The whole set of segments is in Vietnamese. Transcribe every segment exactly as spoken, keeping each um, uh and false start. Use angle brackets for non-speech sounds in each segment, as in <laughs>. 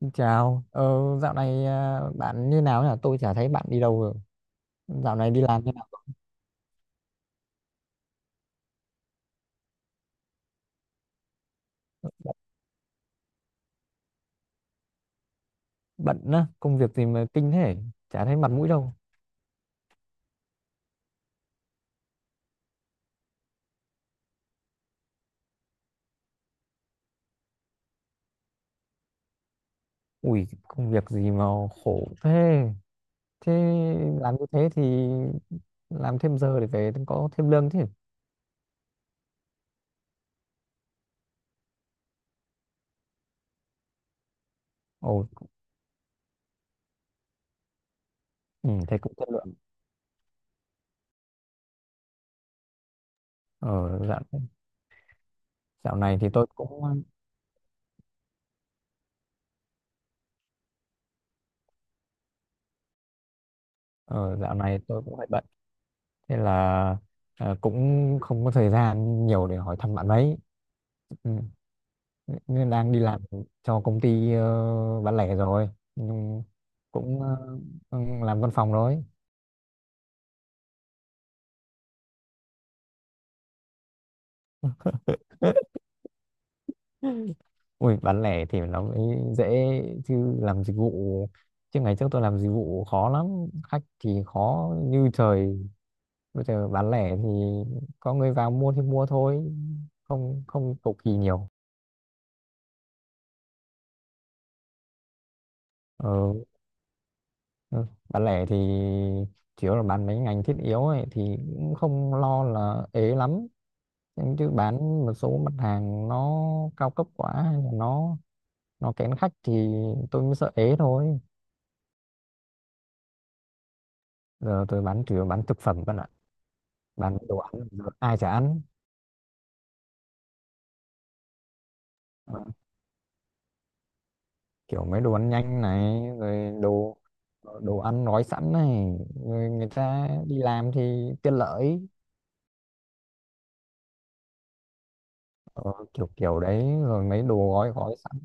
Xin Chào, ờ, dạo này à, bạn như nào nhỉ? Tôi chả thấy bạn đi đâu rồi. Dạo này đi làm như nào? Bận bận á, công việc gì mà kinh thế? Chả thấy mặt mũi đâu. Ui, công việc gì mà khổ thế? Thế làm như thế thì làm thêm giờ để về có thêm lương chứ. Ồ, ừ, thế cũng chất lượng. Ờ, dạo, dạo này thì tôi cũng ờ, Dạo này tôi cũng hơi bận. Thế là ờ, cũng không có thời gian nhiều để hỏi thăm bạn mấy. Ừ, nên đang đi làm cho công ty ờ, bán lẻ rồi nhưng cũng ờ, ừ, làm văn phòng rồi. <laughs> Ui, bán lẻ thì nó mới dễ, chứ làm dịch vụ, chứ ngày trước tôi làm dịch vụ khó lắm, khách thì khó như trời. Bây giờ bán lẻ thì có người vào mua thì mua thôi, không không cầu kỳ nhiều. ờ, ừ. Bán lẻ thì chủ yếu là bán mấy ngành thiết yếu ấy thì cũng không lo là ế lắm. Nhưng chứ bán một số mặt hàng nó cao cấp quá hay là nó nó kén khách thì tôi mới sợ ế thôi. Giờ tôi bán chủ yếu bán thực phẩm bạn ạ. Bán đồ ăn giờ ai chả ăn. Ờ, kiểu mấy đồ ăn nhanh này rồi đồ đồ ăn gói sẵn này, người người ta đi làm thì tiện lợi. ờ, kiểu kiểu đấy rồi mấy đồ gói gói sẵn.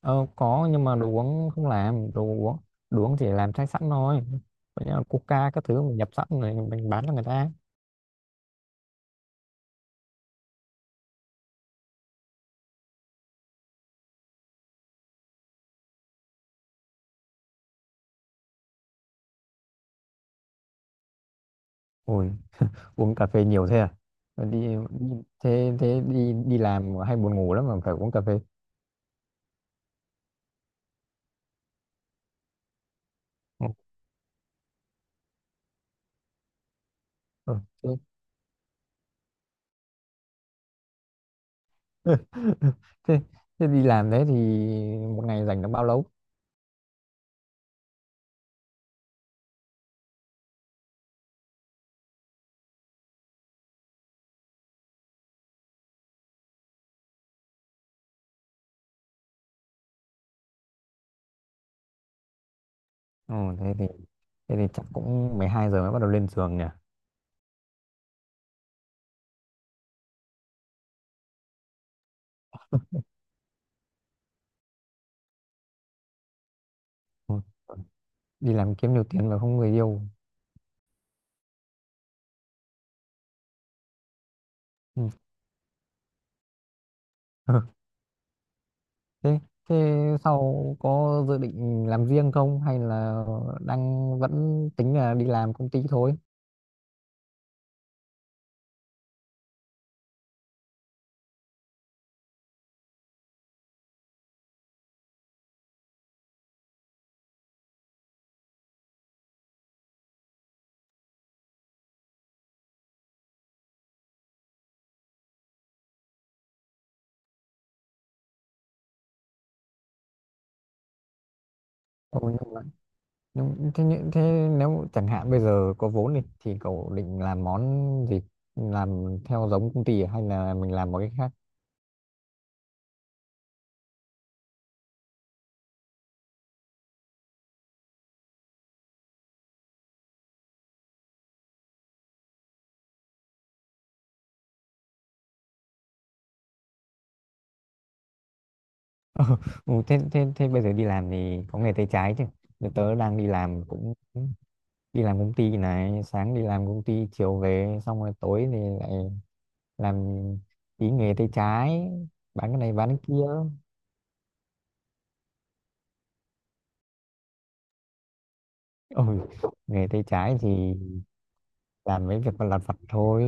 ờ, có, nhưng mà đồ uống không làm đồ uống, đồ uống chỉ làm chai sẵn thôi. Còn như là coca các thứ mình nhập sẵn rồi mình bán cho người ta. Ôi, uống cà phê nhiều thế à? Ờ, đi, thế thế đi đi làm hay buồn ngủ lắm mà phải uống cà phê? Ừ. Ờ, thế, <laughs> thế, thế đi làm thế thì một ngày dành được bao lâu? Ừ, thế thì thế thì chắc cũng mười hai giờ mới bắt đầu lên giường nhỉ? Ừ, đi làm kiếm nhiều tiền mà không người yêu. Ừ. <laughs> thế thế sau có dự định làm riêng không hay là đang vẫn tính là đi làm công ty thôi? Ừ, Nhưng thế, nhỡ- thế nếu chẳng hạn bây giờ có vốn đi thì cậu định làm món gì? Làm theo giống công ty à? Hay là mình làm một cái khác? <laughs> Ờ, ừ, thế, thế, thế bây giờ đi làm thì có nghề tay trái chứ? Thì tớ đang đi làm cũng đi làm công ty này, sáng đi làm công ty chiều về xong rồi tối thì lại làm tí nghề tay trái, bán cái này bán cái kia. Ôi, nghề tay trái thì làm mấy việc lặt vặt thôi.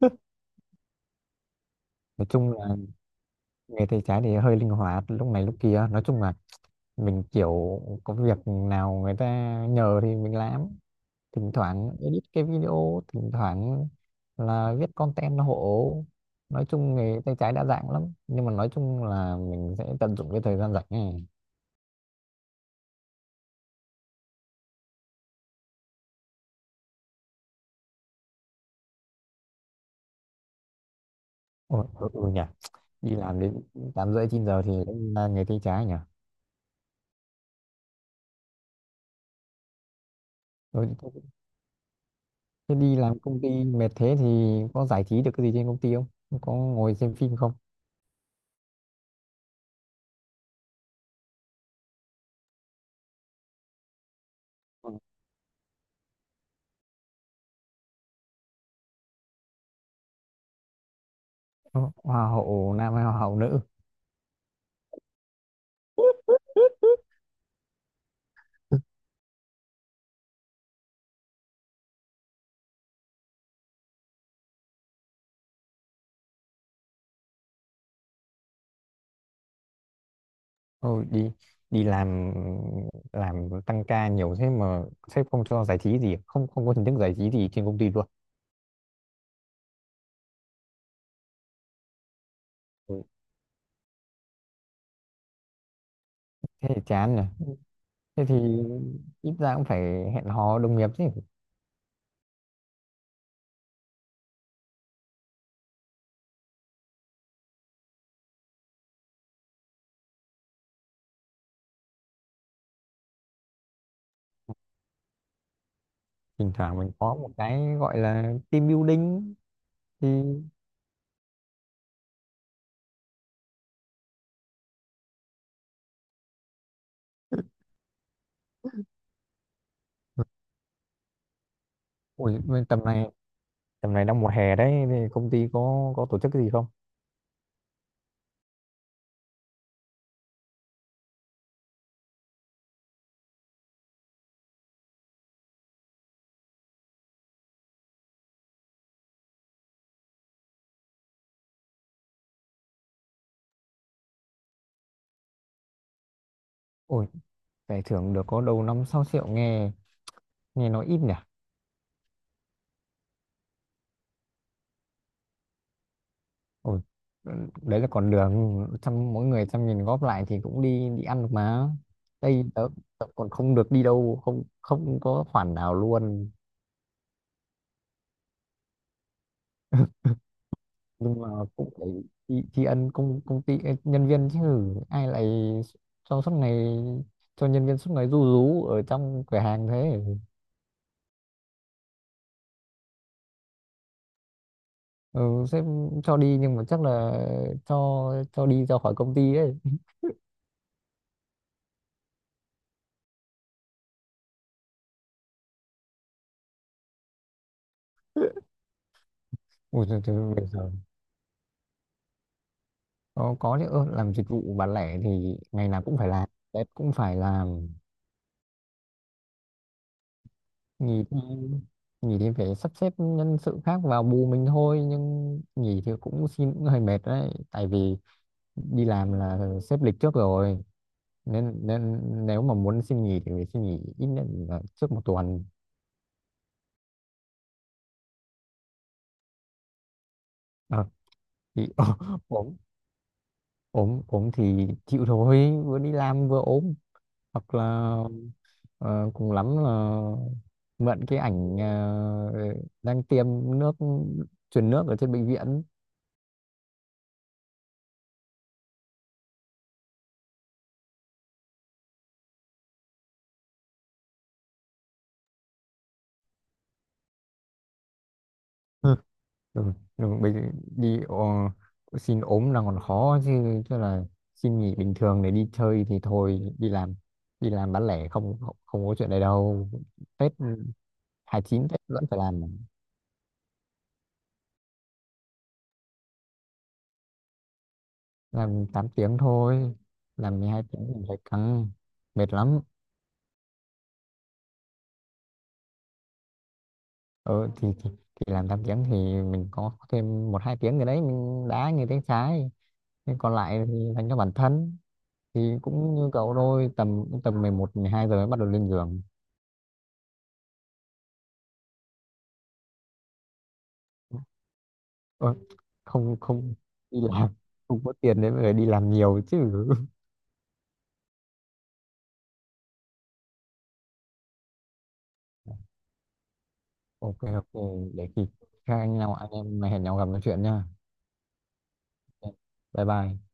<laughs> Nói chung là người tay trái thì hơi linh hoạt lúc này lúc kia, nói chung là mình kiểu có việc nào người ta nhờ thì mình làm, thỉnh thoảng edit cái video, thỉnh thoảng là viết content hộ. Nói chung nghề tay trái đa dạng lắm nhưng mà nói chung là mình sẽ tận dụng cái thời gian rảnh này. Ồ, ừ, ừ nhỉ. Đi làm đến tám rưỡi chín giờ thì là nghề tay trái nhỉ? Rồi, thế đi làm công ty mệt thế thì có giải trí được cái gì trên công ty không? Có ngồi xem phim không? Ừ, hoa hậu nam hay hoa hậu nữ? Thôi đi, đi làm làm tăng ca nhiều thế mà sếp không cho giải trí gì, không không có hình thức giải trí gì trên công ty luôn? Ừ. Thế thì chán nhỉ. Thế thì ít ra cũng phải hẹn hò đồng nghiệp chứ. Thỉnh thoảng mình có một cái gọi là team building thì ôi, bên tầm này tầm này đang mùa hè đấy thì công ty có có tổ chức cái gì không? Ôi, giải thưởng được có đầu năm sáu triệu, nghe nghe nói ít nhỉ. Ôi, đấy là còn đường trăm, mỗi người trăm nghìn góp lại thì cũng đi đi ăn được mà. Đây tớ, tớ còn không được đi đâu, không không có khoản nào luôn. Nhưng mà cũng phải tri tri ân công công ty ê, nhân viên chứ. Ai lại cho suốt ngày cho nhân viên suốt ngày ru rú ở trong cửa hàng thế. Ừ, sếp cho đi nhưng mà chắc là cho cho đi ra khỏi công ty đấy. <laughs> Ui, trời, trời, bây giờ. Có, có chứ, ơ, làm dịch vụ bán lẻ thì ngày nào cũng phải làm, Tết cũng phải làm. Nghỉ thì nghỉ thì phải sắp xếp nhân sự khác vào bù mình thôi, nhưng nghỉ thì cũng xin cũng hơi mệt đấy, tại vì đi làm là xếp lịch trước rồi, nên nên nếu mà muốn xin nghỉ thì phải xin nghỉ ít nhất là trước một tuần. Ờ, thì <laughs> ốm ốm ốm thì chịu thôi, vừa đi làm vừa ốm, hoặc là. Ờ, cùng lắm là mượn cái ảnh ờ, đang tiêm nước, truyền nước ở trên bệnh viện. Ừ. Ừ, ừ, bệnh, đi ờ, xin ốm là còn khó, chứ chứ là xin nghỉ bình thường để đi chơi thì thôi đi làm. Đi làm bán lẻ không, không, không có chuyện này đâu. Tết ừ, Hai chín Tết vẫn phải làm. Làm tám tiếng thôi, làm mười hai tiếng thì phải căng mệt lắm. Ừ, thì, thì, thì làm tám tiếng thì mình có thêm một hai tiếng gì đấy mình đá như tiếng trái. Thế còn lại thì dành cho bản thân thì cũng như cậu thôi, tầm tầm mười một hai giờ mới bắt đầu lên giường. Ơ, không, không đi làm <laughs> không có tiền để về đi làm nhiều chứ. <laughs> Ok, ok, để khi các anh nào anh em hẹn nhau gặp nói chuyện nha. Ok, bye bye.